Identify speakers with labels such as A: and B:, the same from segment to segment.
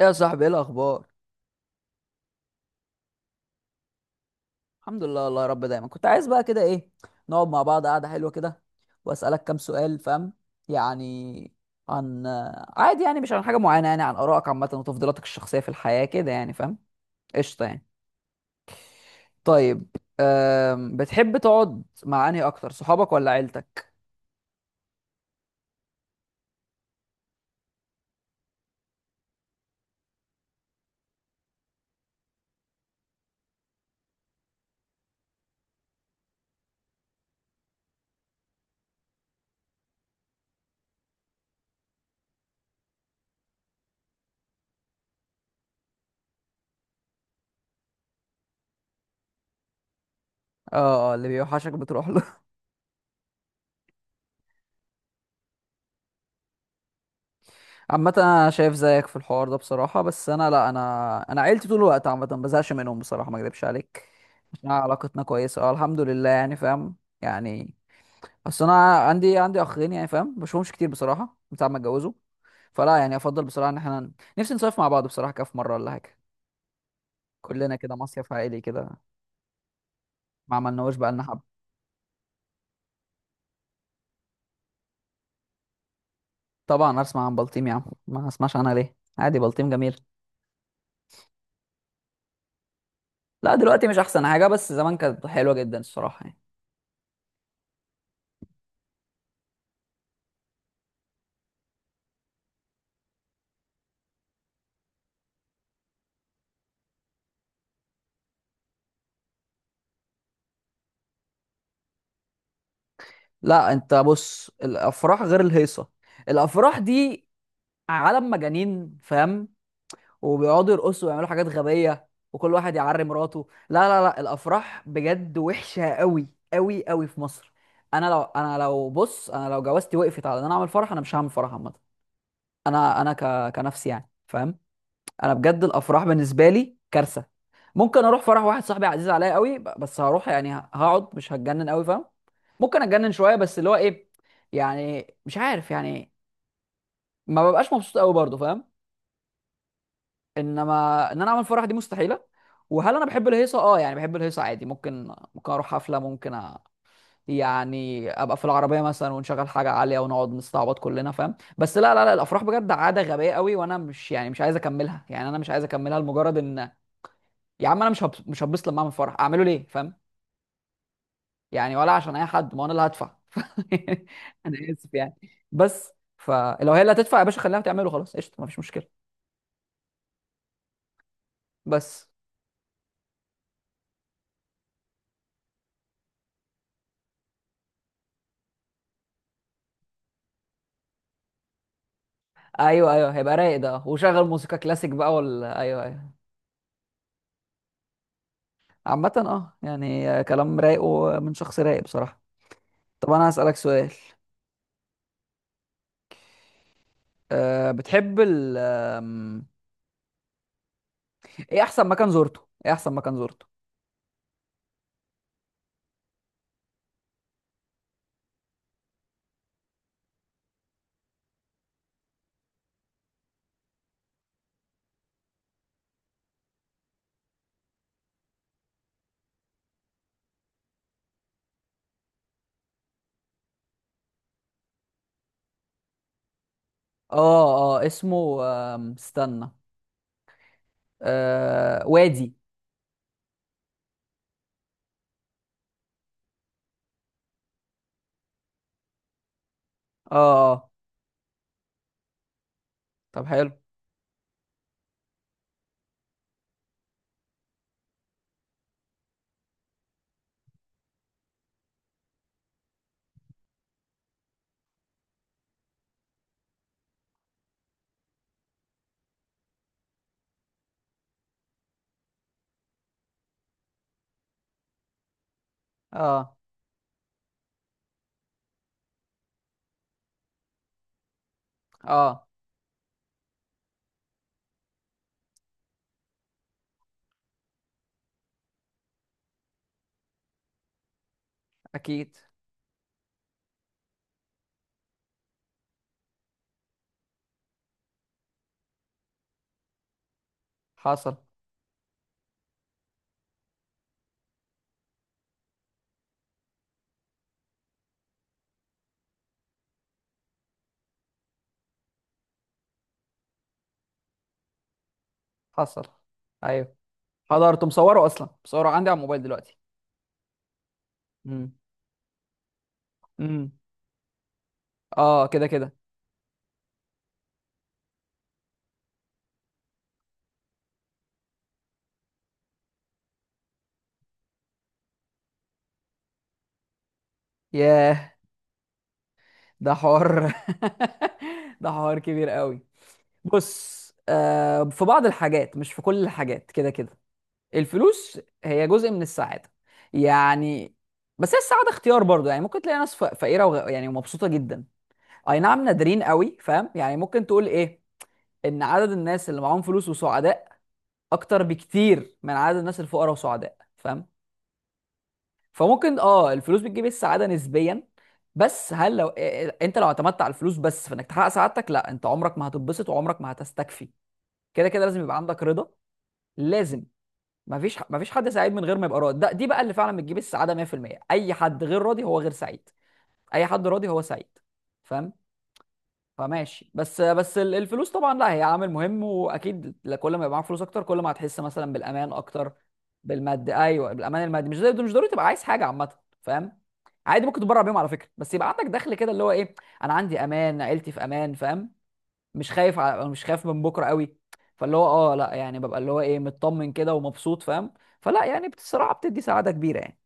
A: ايه يا صاحبي، ايه الاخبار؟ الحمد لله، الله يا رب. دايما كنت عايز بقى كده، ايه، نقعد مع بعض قعده حلوه كده، واسالك كام سؤال، فاهم يعني؟ عن، عادي يعني، مش عن حاجه معينه، يعني عن ارائك عامه وتفضيلاتك الشخصيه في الحياه كده، يعني فاهم؟ قشطه يعني. طيب، بتحب تقعد مع انهي اكتر، صحابك ولا عيلتك؟ اه، اللي بيوحشك بتروح له. عامة انا شايف زيك في الحوار ده بصراحة، بس انا لا. انا انا عيلتي طول الوقت، عامة ما بزهقش منهم بصراحة، ما اكذبش عليك. احنا علاقتنا كويسة، اه الحمد لله، يعني فاهم يعني. اصل انا عندي اخين، يعني فاهم، ما بشوفهمش كتير بصراحة من ساعة ما اتجوزوا. فلا يعني، افضل بصراحة ان احنا نفسي نصيف مع بعض بصراحة، كده في مرة ولا حاجة، كلنا كده مصيف عائلي كده. ما عملناهوش بقالنا حبة. طبعا اسمع عن بلطيم يا عم، ما اسمعش عنها ليه؟ عادي، بلطيم جميل. لا دلوقتي مش احسن حاجة، بس زمان كانت حلوة جدا الصراحة يعني. لا انت بص، الافراح غير الهيصه. الافراح دي عالم مجانين، فاهم؟ وبيقعدوا يرقصوا ويعملوا حاجات غبيه، وكل واحد يعري مراته. لا لا لا، الافراح بجد وحشه قوي قوي قوي في مصر. انا لو بص، انا لو جوازتي وقفت على ان انا اعمل فرح، انا مش هعمل فرح عامه. كنفسي يعني، فاهم؟ انا بجد الافراح بالنسبه لي كارثه. ممكن اروح فرح واحد صاحبي عزيز عليا قوي، بس هروح يعني، هقعد، مش هتجنن قوي، فاهم؟ ممكن اتجنن شويه، بس اللي هو ايه، يعني مش عارف يعني، ما ببقاش مبسوط قوي برضه، فاهم؟ انما ان انا اعمل فرح دي مستحيله. وهل انا بحب الهيصه؟ اه يعني، بحب الهيصه عادي، ممكن اروح حفله، يعني ابقى في العربيه مثلا ونشغل حاجه عاليه ونقعد نستعبط كلنا، فاهم؟ بس لا لا لا، الافراح بجد عاده غبيه قوي، وانا مش يعني مش عايز اكملها، يعني انا مش عايز اكملها لمجرد ان، يا عم انا مش هتبسط. لما اعمل فرح اعمله ليه، فاهم يعني؟ ولا عشان اي حد، ما هو انا اللي هدفع انا اسف يعني. بس فلو هي اللي هتدفع يا باشا، خليها تعمله، خلاص قشطه، ما فيش مشكله. بس ايوه ايوه، هيبقى رايق ده وشغل موسيقى كلاسيك بقى، ولا ايوه ايوه. عامه اه يعني، كلام رايق ومن شخص رايق بصراحه. طب انا هسالك سؤال. أه بتحب ال آم، ايه احسن مكان زرته؟ ايه احسن مكان زرته؟ اه. اه اسمه، استنى، أه وادي. اه اه. طب حلو. اه اه. اكيد. حصل. حصل. ايوه. حضرت مصوره اصلا، مصوره عندي على الموبايل دلوقتي. امم. امم. اه كده كده. ياه، ده حوار ده حوار كبير قوي. بص، في بعض الحاجات، مش في كل الحاجات، كده كده. الفلوس هي جزء من السعاده يعني، بس هي السعاده اختيار برضو، يعني ممكن تلاقي ناس فقيره يعني ومبسوطه جدا. اي نعم نادرين قوي، فاهم يعني؟ ممكن تقول ايه، ان عدد الناس اللي معاهم فلوس وسعداء اكتر بكتير من عدد الناس الفقراء وسعداء، فاهم؟ فممكن اه، الفلوس بتجيب السعاده نسبيا. بس هل لو انت لو اعتمدت على الفلوس بس في انك تحقق سعادتك، لا انت عمرك ما هتتبسط وعمرك ما هتستكفي. كده كده لازم يبقى عندك رضا، لازم. مفيش حد سعيد من غير ما يبقى راضي. ده دي بقى اللي فعلا بتجيب السعاده 100%. اي حد غير راضي هو غير سعيد، اي حد راضي هو سعيد، فاهم؟ فماشي. الفلوس طبعا لا، هي عامل مهم واكيد، كل ما يبقى معاك فلوس اكتر، كل ما هتحس مثلا بالامان اكتر. بالمادي ايوه، بالامان المادي، مش زي، مش ضروري تبقى عايز حاجه عامه، فاهم؟ عادي ممكن تتبرع بيهم على فكره، بس يبقى عندك دخل كده، اللي هو ايه، انا عندي امان، عيلتي في امان، فاهم؟ مش خايف على، مش خايف من بكره قوي. فاللي هو اه لا يعني، ببقى اللي هو ايه، مطمن كده ومبسوط، فاهم؟ فلا يعني بصراحه بتدي سعاده كبيره يعني.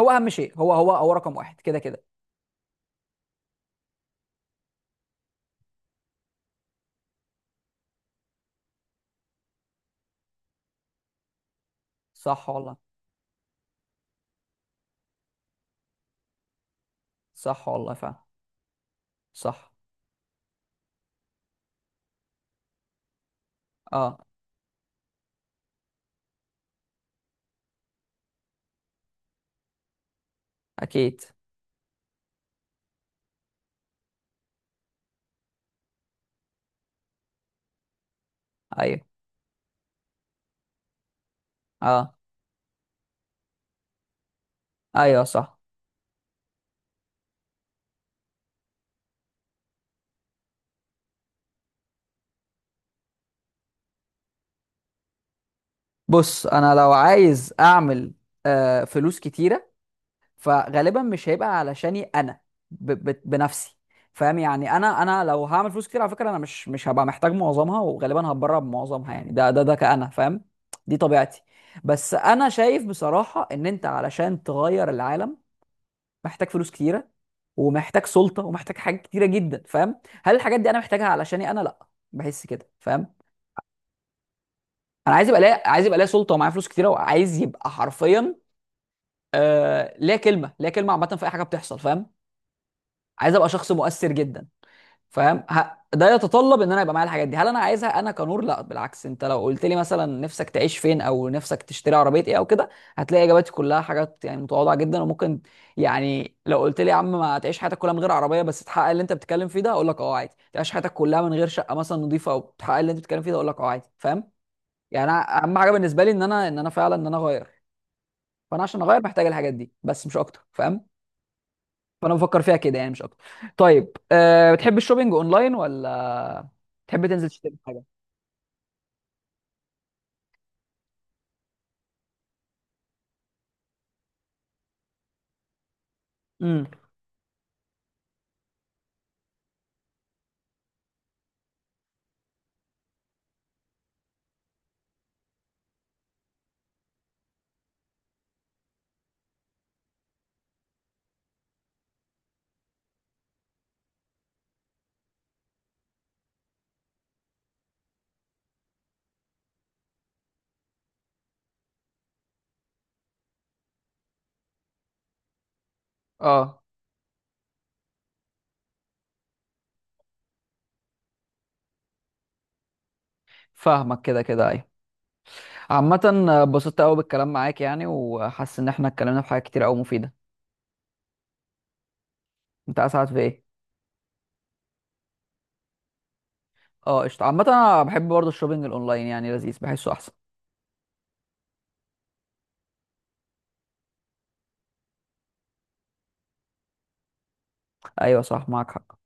A: هو اهم شيء، هو هو هو رقم واحد كده كده. صح والله. صح والله فعلا. صح. اه. اكيد. ايوه. اه. ايوه صح. بص انا لو عايز اعمل، فلوس كتيره، فغالبا مش هيبقى علشاني انا، ب ب بنفسي فاهم يعني؟ انا انا لو هعمل فلوس كتير على فكره، انا مش هبقى محتاج معظمها، وغالبا هتبرع بمعظمها، يعني ده كأنا، فاهم؟ دي طبيعتي. بس انا شايف بصراحه ان انت علشان تغير العالم، محتاج فلوس كتيره، ومحتاج سلطه، ومحتاج حاجات كتيره جدا، فاهم؟ هل الحاجات دي انا محتاجها علشاني انا؟ لا، بحس كده، فاهم؟ انا عايز يبقى ليا، عايز يبقى ليا سلطه ومعايا فلوس كتيره، وعايز يبقى حرفيا، ليا كلمه، ليا كلمه عامه في اي حاجه بتحصل، فاهم؟ عايز ابقى شخص مؤثر جدا، فاهم؟ ده يتطلب ان انا يبقى معايا الحاجات دي. هل انا عايزها انا كنور؟ لا بالعكس، انت لو قلت لي مثلا نفسك تعيش فين او نفسك تشتري عربيه ايه او كده، هتلاقي اجاباتي كلها حاجات يعني متواضعه جدا وممكن، يعني لو قلت لي يا عم ما تعيش حياتك كلها من غير عربيه بس تحقق اللي انت بتتكلم فيه ده، اقول لك اه عادي. تعيش حياتك كلها من غير شقه مثلا نظيفه او تحقق اللي انت بتتكلم فيه ده، اقول لك اه عادي، فاهم يعني؟ أنا اهم حاجه بالنسبه لي ان انا، ان انا فعلا، ان انا اغير. فانا عشان اغير محتاج الحاجات دي، بس مش اكتر، فاهم؟ فانا بفكر فيها كده يعني، مش اكتر. طيب، أه بتحب الشوبينج اونلاين ولا تحب تنزل تشتري حاجه؟ امم. اه. فاهمك كده كده، ايوه. عامه اتبسطت قوي بالكلام معاك يعني، وحاسس ان احنا اتكلمنا في حاجات كتير قوي مفيده. انت اسعد في ايه؟ اه قشطه. عامه انا بحب برضه الشوبينج الاونلاين يعني، لذيذ، بحسه احسن. ايوه صح، معاك حق.